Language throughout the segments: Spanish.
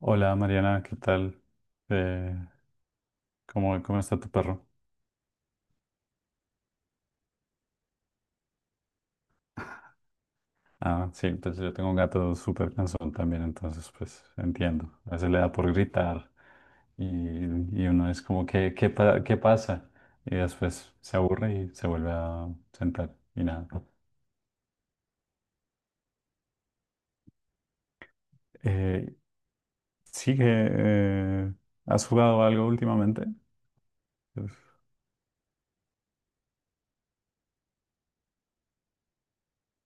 Hola Mariana, ¿qué tal? Eh, ¿cómo está tu perro? Ah, sí, pues yo tengo un gato súper cansón también, entonces pues entiendo. A veces le da por gritar y, y uno es como, ¿qué pasa? Y después se aburre y se vuelve a sentar y nada. Eh, ¿Sí que has jugado algo últimamente? Pues...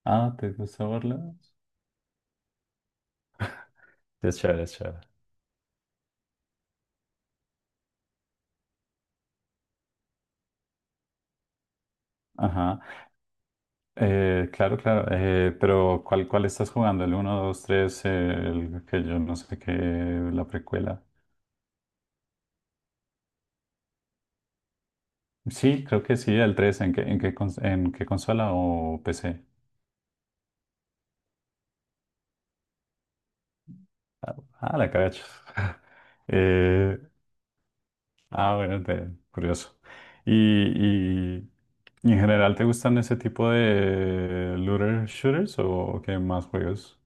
Ah, ¿te gusta verlo? Es chévere, es chévere. Ajá. Claro, claro, pero ¿cuál estás jugando? ¿El uno, 2, 3, el que yo no sé qué, la precuela? Sí, creo que sí, el 3. ¿En qué consola o PC? Ah, ah, la caracha. Eh, bueno, curioso. Y, y, y en general te gustan ese tipo de looter shooters o qué más juegos?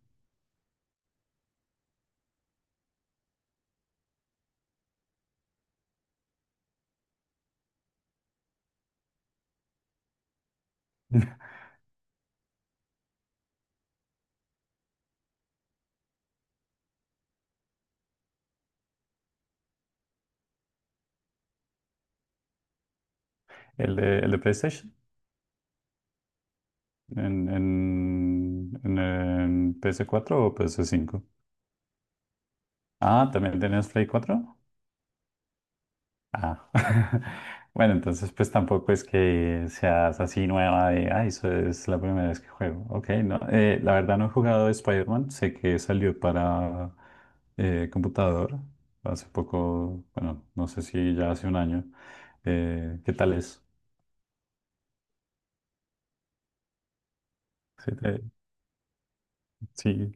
¿El de PlayStation? ¿En, en, en, en en PS4 o PS5? Ah, ¿también tenías Play 4? Ah. Bueno, entonces pues tampoco es que seas así nueva de, eso es la primera vez que juego. Ok, no. La verdad no he jugado Spider-Man, sé que salió para computador hace poco, bueno, no sé si ya hace un año. ¿Qué tal es? Sí. Sí.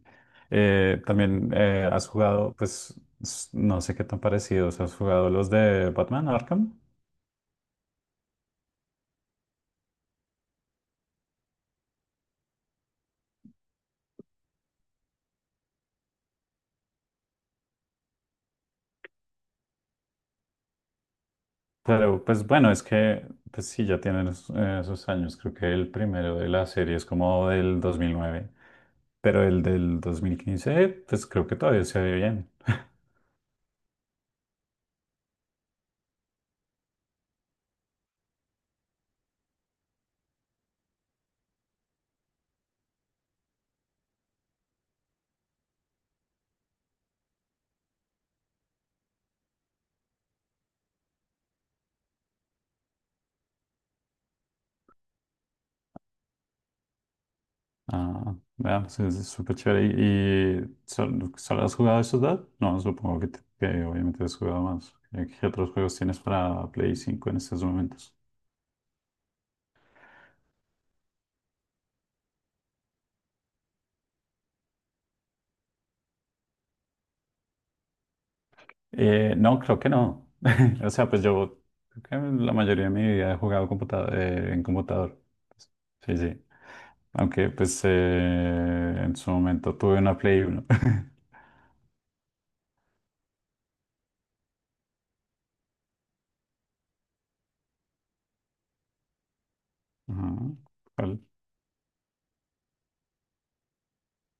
También has jugado, pues no sé qué tan parecidos, ¿has jugado los de Batman Arkham? Claro, pues bueno, es que pues sí, ya tienen esos años. Creo que el primero de la serie es como del 2009, pero el del 2015 pues creo que todavía se ve bien. Ah, vea, pues es súper chévere. ¿Y solo has jugado esos dos? No, supongo que obviamente has jugado más. ¿Qué otros juegos tienes para Play 5 en estos momentos? No, creo que no. O sea, pues yo creo que la mayoría de mi vida he jugado en computador. Sí, sí. Aunque pues en su momento tuve una Play 1. Ajá, ¿cuál?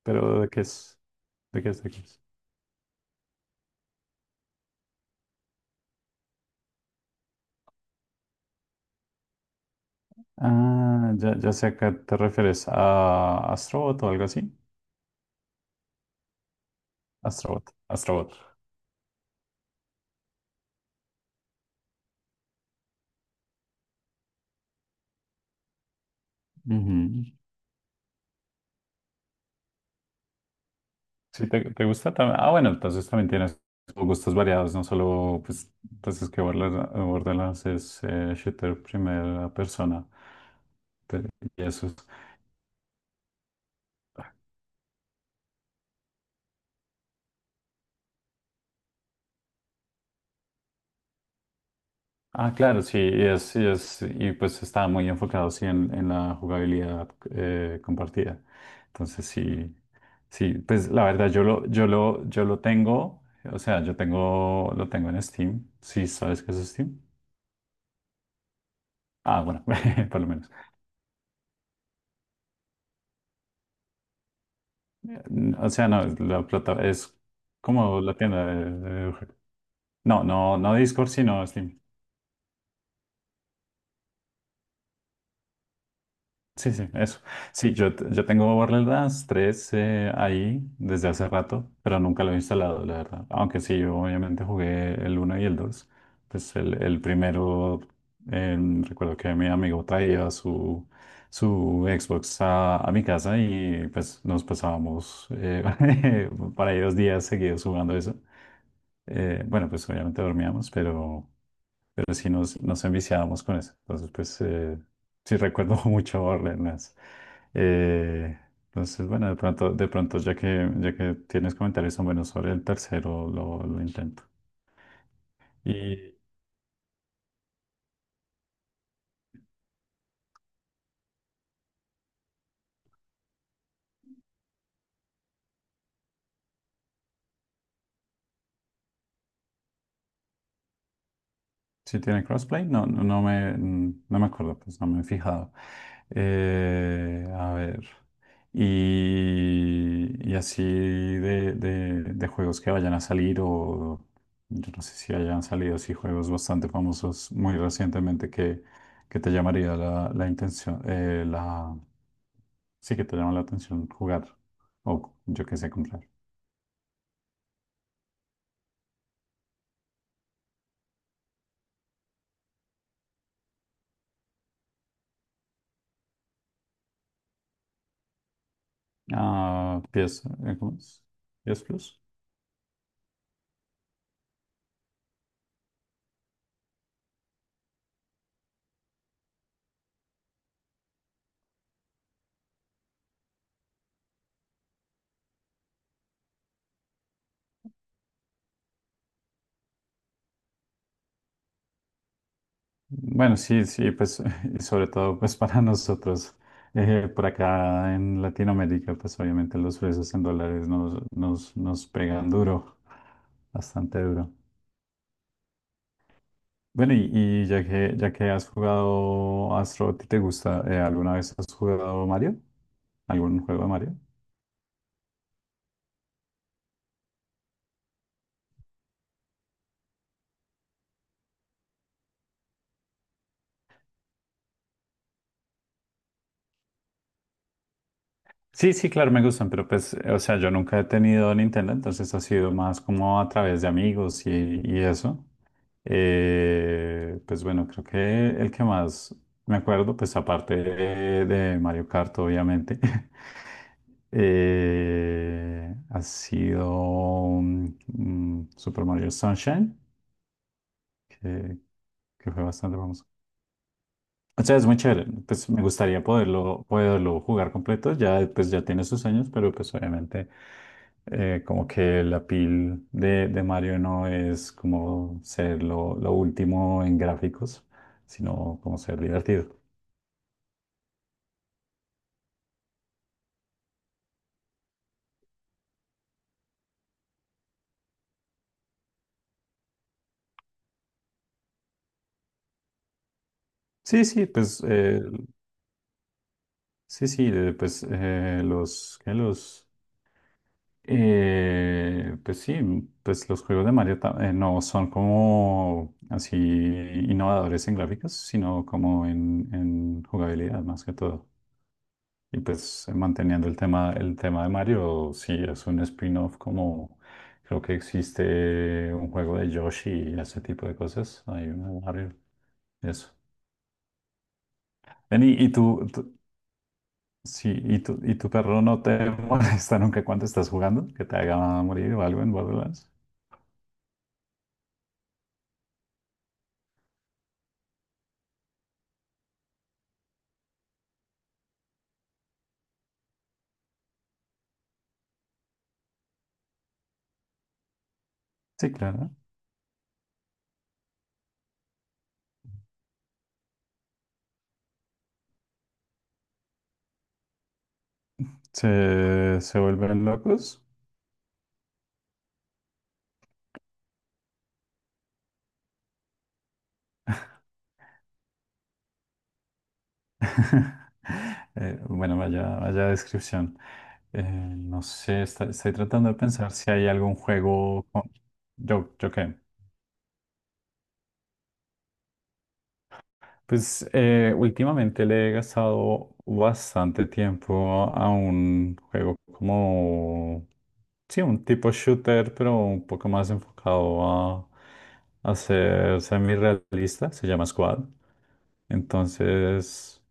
Pero ¿de qué es? ¿De qué es? ¿De qué es? Ah, ya, ya sé a qué te refieres. ¿A Astrobot o algo así? Astrobot. Astrobot. Ujú. Si te gusta también. Ah, bueno, entonces también tienes gustos variados, no solo, pues, entonces que Borderlands es shooter primera persona. Te- Y eso... Ah, claro, sí, y pues está muy enfocado sí, en la jugabilidad compartida. Entonces, sí, sí, pues la verdad, yo lo tengo, o sea, yo tengo, lo tengo en Steam. Sí, ¿sabes qué es Steam? Ah, bueno, por lo menos. O sea, no, es la plata, es como la tienda de- No, no, no Discord, sino Steam. Sí, sí, eso. Sí, yo tengo Borderlands las 3 ahí desde hace rato, pero nunca lo he instalado, la verdad. Aunque sí, yo obviamente jugué el uno y el 2. Pues el primero, eh, recuerdo que mi amigo traía su Xbox a mi casa y pues nos pasábamos para ahí 2 días seguidos jugando eso. Bueno, pues obviamente dormíamos, pero sí nos enviciábamos con eso. Entonces, pues sí recuerdo mucho Borderlands. Eh, entonces, bueno, ya que tienes comentarios tan buenos sobre el tercero, lo intento. Y si tiene crossplay, no, no, no me acuerdo, pues no me he fijado. A ver. Y así de juegos que vayan a salir o yo no sé si hayan salido así juegos bastante famosos muy recientemente que te llamaría la intención, sí que te llama la atención jugar o yo qué sé, comprar. Ah, PS, ¿cómo es? PS Plus. Bueno, sí, sí, pues y sobre todo pues para nosotros por acá en Latinoamérica, pues obviamente los precios en dólares nos pegan duro, bastante duro. Bueno, y ya que has jugado Astro, ¿a ti te gusta? ¿Alguna vez has jugado Mario? ¿Algún juego de Mario? Sí, sí, claro, me gustan, pero pues, o sea, yo nunca he tenido Nintendo, entonces ha sido más como a través de amigos y eso. Pues bueno, creo que el que más me acuerdo, pues aparte de Mario Kart, obviamente, ha sido Super Mario Sunshine, que, que fue bastante famoso. O sea, es muy chévere. Pues me gustaría poderlo jugar completo. Ya, pues ya tiene sus años, pero pues obviamente como que la pil de Mario no es como ser lo último en gráficos, sino como ser divertido. Sí, sí, pues sí, sí, los, ¿qué? Los... pues sí, pues los juegos de Mario no son como así innovadores en gráficos, sino como en jugabilidad más que todo. Y pues manteniendo el tema de Mario, sí es un spin-off, como creo que existe un juego de Yoshi y ese tipo de cosas. Hay uno de Mario, eso. Ven, y sí, y tu perro no te molesta nunca cuando estás jugando, que te haga morir o algo en Borderlands. Sí, claro. Se vuelven locos. Bueno, vaya, vaya descripción. No sé, estoy tratando de pensar si hay algún juego. Yo qué. Pues últimamente le he gastado bastante tiempo a un juego como... Sí, un tipo shooter, pero un poco más enfocado a, a ser semi-realista. Se llama Squad. Entonces,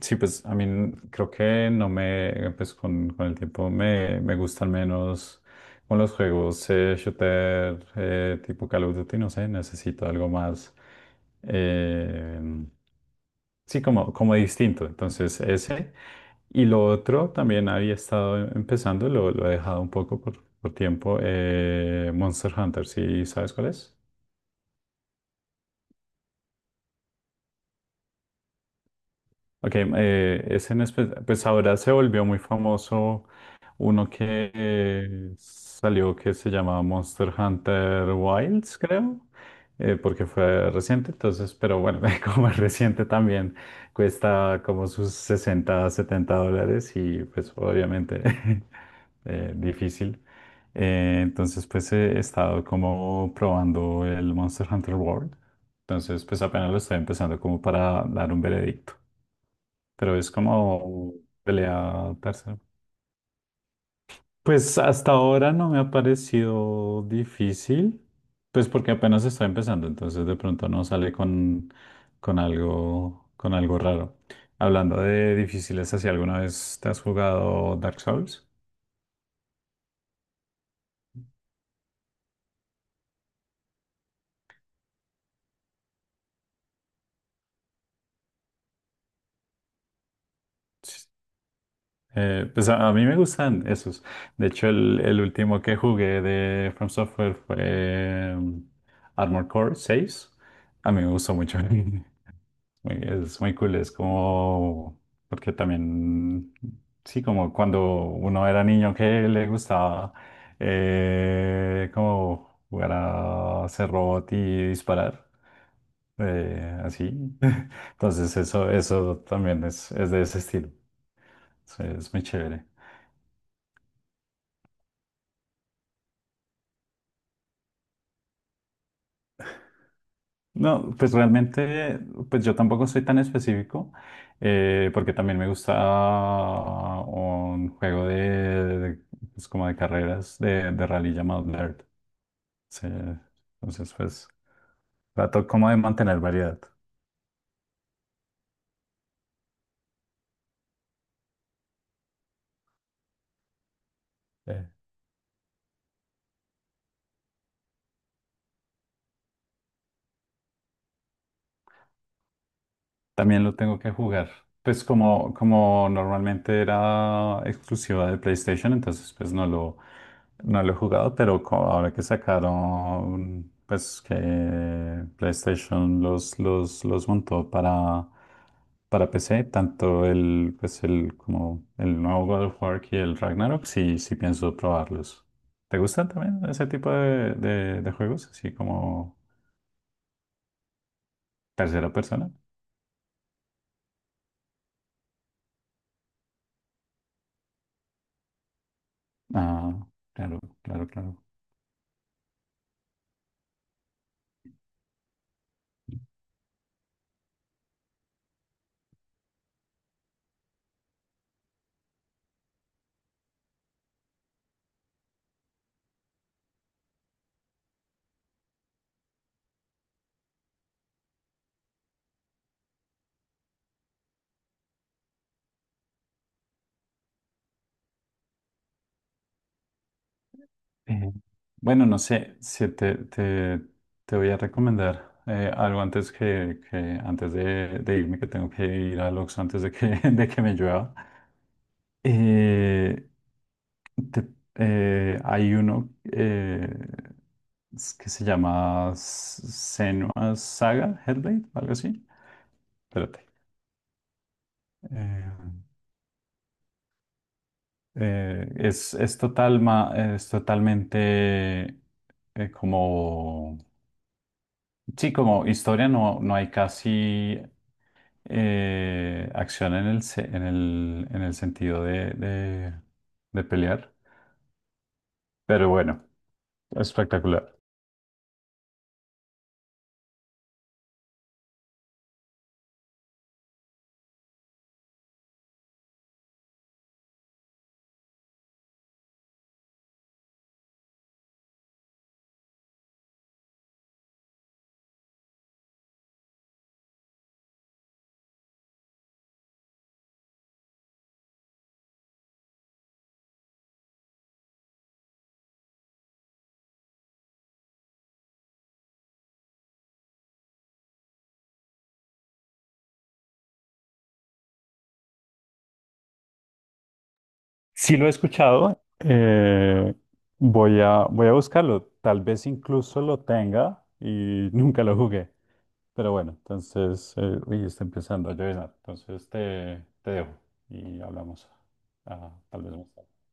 sí, pues a mí creo que no me, pues con el tiempo me gustan menos con los juegos shooter tipo Call of Duty, no sé, necesito algo más, eh, sí, como distinto. Entonces, ese. Y lo otro también había estado empezando, lo he dejado un poco por tiempo, Monster Hunter, ¿sí sabes cuál es? Ok, ese pues ahora se volvió muy famoso uno que salió, que se llamaba Monster Hunter Wilds, creo, porque fue reciente, entonces, pero bueno, como es reciente también cuesta como sus 60, 70 dólares y pues obviamente difícil. Entonces, pues he estado como probando el Monster Hunter World, entonces pues apenas lo estoy empezando como para dar un veredicto. Pero es como pelea tercera. Pues hasta ahora no me ha parecido difícil, pues porque apenas está empezando, entonces de pronto no sale con algo raro. Hablando de difíciles, ¿así alguna vez te has jugado Dark Souls? Pues a mí me gustan esos. De hecho, el último que jugué de From Software fue Armored Core 6. A mí me gustó mucho. Es muy cool, es como, porque también, sí, como cuando uno era niño que le gustaba como jugar a ser robot y disparar, así. Entonces eso también es de ese estilo, sí, es muy chévere. No, pues realmente, pues yo tampoco soy tan específico, porque también me gusta un juego pues como de carreras de rally llamado Dirt. Sí, entonces, pues trato como de mantener variedad. eh, También lo tengo que jugar. Pues como normalmente era exclusiva de PlayStation, entonces pues no lo he jugado, pero ahora que sacaron, pues que PlayStation los montó para PC, tanto como el nuevo God of War y el Ragnarok, sí, sí pienso probarlos. ¿Te gustan también ese tipo de juegos? Así como tercera persona. Ah, claro, claro, claro. Eh, bueno, no sé si te voy a recomendar algo antes que antes de irme, que tengo que ir al Oxxo antes de que, de que me llueva. Eh, te- Hay uno que se llama Senua Saga Hellblade, o algo así. Espérate. Eh, Total, es totalmente como... Sí, como historia no hay casi acción en el, se- en el sentido de pelear. Pero bueno, espectacular. Sí lo he escuchado. Voy a buscarlo. Tal vez incluso lo tenga y nunca lo jugué. Pero bueno, entonces, uy, está empezando a llover. Entonces te dejo y hablamos. Ah, tal vez más tarde.